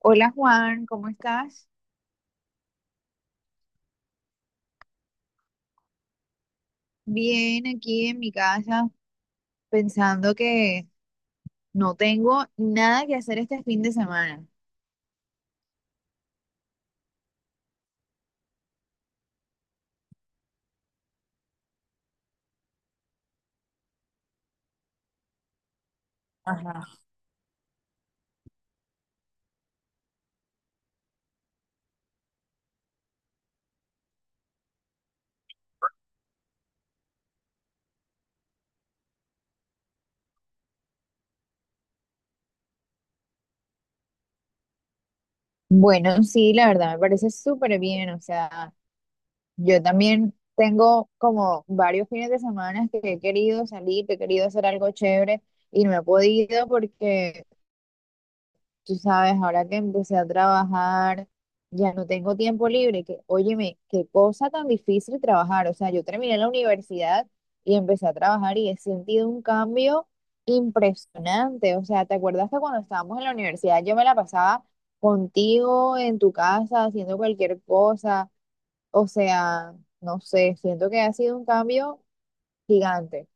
Hola Juan, ¿cómo estás? Bien, aquí en mi casa, pensando que no tengo nada que hacer este fin de semana. Ajá. Bueno, sí, la verdad, me parece súper bien. O sea, yo también tengo como varios fines de semana que he querido salir, que he querido hacer algo chévere y no he podido porque tú sabes, ahora que empecé a trabajar, ya no tengo tiempo libre, que, óyeme, qué cosa tan difícil trabajar. O sea, yo terminé la universidad y empecé a trabajar y he sentido un cambio impresionante. O sea, ¿te acuerdas que cuando estábamos en la universidad yo me la pasaba contigo en tu casa haciendo cualquier cosa? O sea, no sé, siento que ha sido un cambio gigante.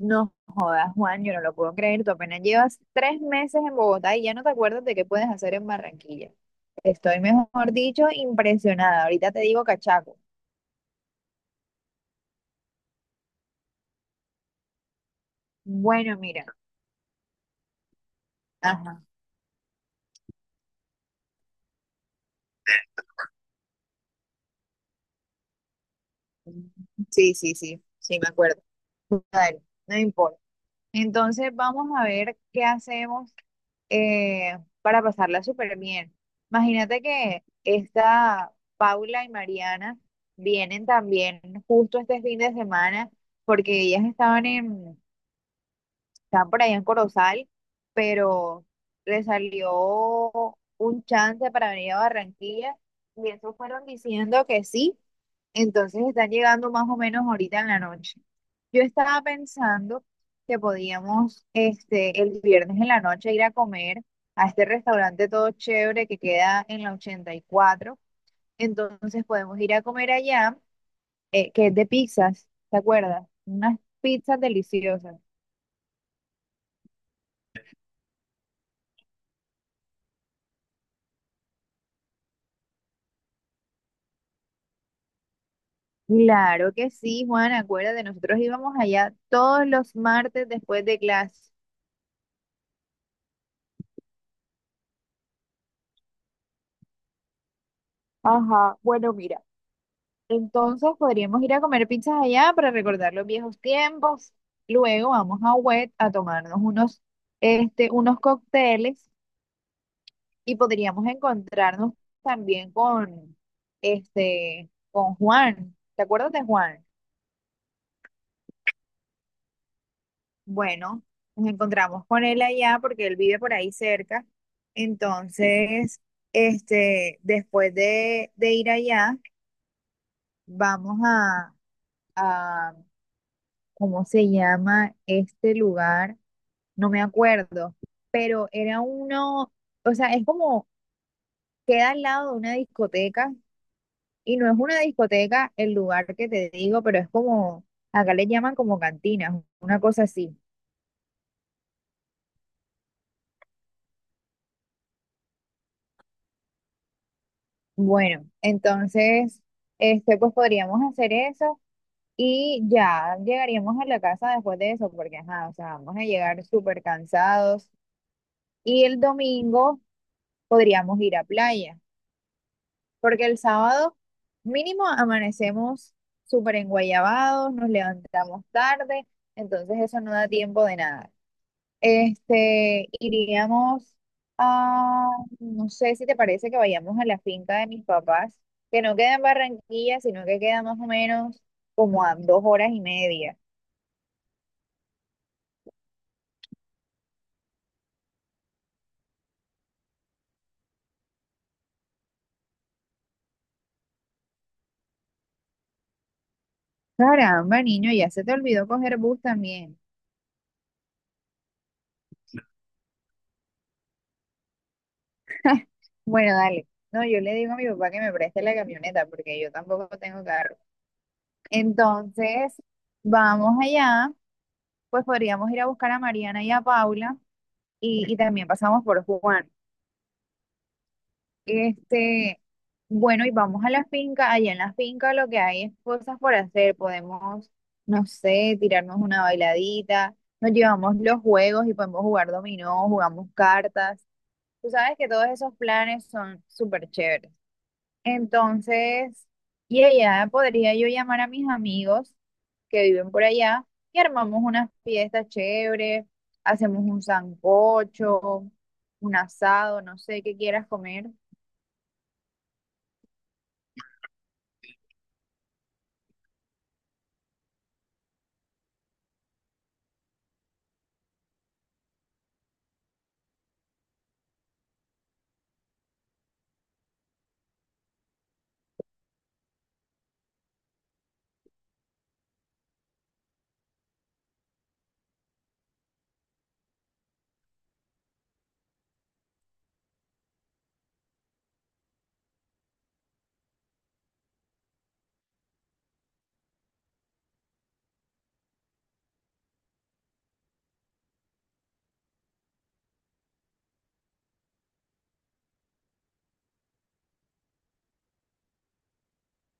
No jodas, Juan, yo no lo puedo creer. Tú apenas llevas 3 meses en Bogotá y ya no te acuerdas de qué puedes hacer en Barranquilla. Estoy, mejor dicho, impresionada. Ahorita te digo cachaco. Bueno, mira. Ajá. Sí, sí, sí, sí, me acuerdo. Dale, no importa. Entonces vamos a ver qué hacemos eh, para pasarla súper bien. Imagínate que esta Paula y Mariana vienen también justo este fin de semana porque ellas estaban en está por allá en Corozal, pero le salió un chance para venir a Barranquilla y eso fueron diciendo que sí, entonces están llegando más o menos ahorita en la noche. Yo estaba pensando que podíamos el viernes en la noche ir a comer a este restaurante todo chévere que queda en la 84, entonces podemos ir a comer allá, que es de pizzas, ¿te acuerdas? Unas pizzas deliciosas. Claro que sí, Juan, acuérdate, nosotros íbamos allá todos los martes después de clase. Ajá, bueno, mira, entonces podríamos ir a comer pizzas allá para recordar los viejos tiempos. Luego vamos a WET a tomarnos unos, unos cócteles y podríamos encontrarnos también con, con Juan. ¿Te acuerdas de Juan? Bueno, nos encontramos con él allá porque él vive por ahí cerca. Entonces, después de ir allá, vamos a, a, ¿cómo se llama este lugar? No me acuerdo, pero era uno, o sea, es como, queda al lado de una discoteca y no es una discoteca el lugar que te digo, pero es como, acá le llaman como cantinas, una cosa así. Bueno, entonces, pues podríamos hacer eso y ya llegaríamos a la casa después de eso, porque ajá, o sea, vamos a llegar súper cansados. Y el domingo podríamos ir a playa, porque el sábado mínimo amanecemos súper enguayabados, nos levantamos tarde, entonces eso no da tiempo de nada. Iríamos a, no sé si te parece que vayamos a la finca de mis papás, que no queda en Barranquilla, sino que queda más o menos como a 2 horas y media. Caramba, niño, ya se te olvidó coger bus también. Bueno, dale. No, yo le digo a mi papá que me preste la camioneta porque yo tampoco tengo carro. Entonces, vamos allá, pues podríamos ir a buscar a Mariana y a Paula y también pasamos por Juan. Este, bueno, y vamos a la finca. Allá en la finca lo que hay es cosas por hacer. Podemos, no sé, tirarnos una bailadita. Nos llevamos los juegos y podemos jugar dominó, jugamos cartas. Tú sabes que todos esos planes son súper chéveres. Entonces, y allá podría yo llamar a mis amigos que viven por allá y armamos unas fiestas chéveres. Hacemos un sancocho, un asado, no sé qué quieras comer.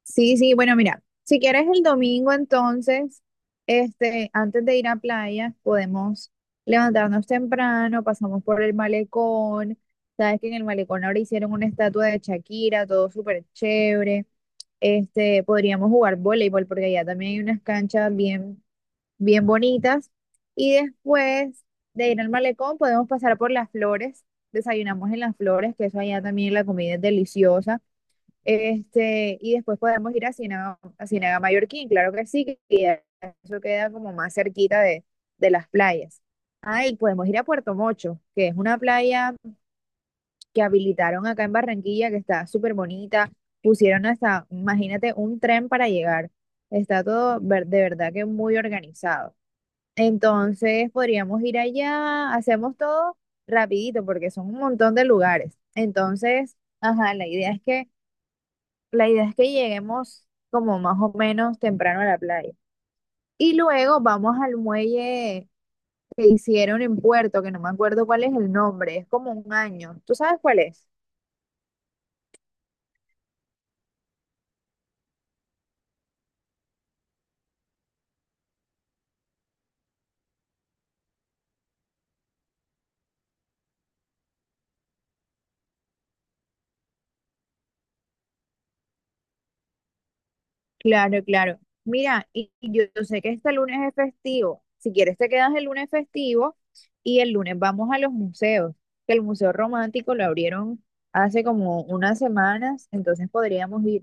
Sí, sí, bueno, mira, si quieres el domingo entonces, antes de ir a playa, podemos levantarnos temprano, pasamos por el malecón, sabes que en el malecón ahora hicieron una estatua de Shakira, todo súper chévere, podríamos jugar voleibol porque allá también hay unas canchas bien, bien bonitas y después de ir al malecón podemos pasar por las flores, desayunamos en las flores, que eso allá también la comida es deliciosa. Y después podemos ir a Ciénaga Mallorquín, claro que sí, que eso queda como más cerquita de las playas. Ahí podemos ir a Puerto Mocho, que es una playa que habilitaron acá en Barranquilla, que está súper bonita. Pusieron hasta, imagínate, un tren para llegar. Está todo de verdad que muy organizado. Entonces podríamos ir allá, hacemos todo rapidito porque son un montón de lugares. Entonces, ajá, la idea es que lleguemos como más o menos temprano a la playa. Y luego vamos al muelle que hicieron en Puerto, que no me acuerdo cuál es el nombre, es como un año. ¿Tú sabes cuál es? Claro, claro. Mira, yo sé que este lunes es festivo. Si quieres te quedas el lunes festivo y el lunes vamos a los museos, que el Museo Romántico lo abrieron hace como unas semanas, entonces podríamos ir.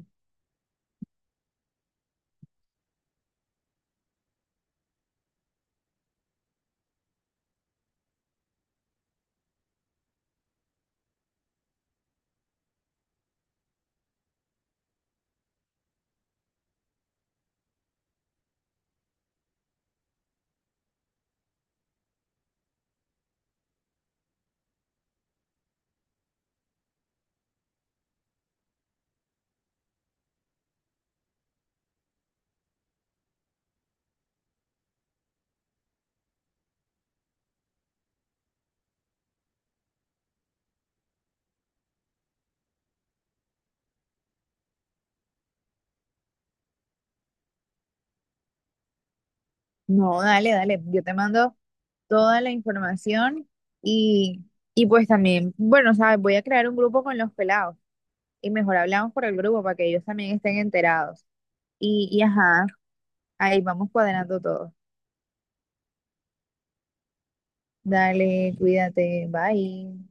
No, dale, dale. Yo te mando toda la información y, y pues también, bueno, sabes, voy a crear un grupo con los pelados y mejor hablamos por el grupo para que ellos también estén enterados. Y ajá, ahí vamos cuadrando todo. Dale, cuídate, bye.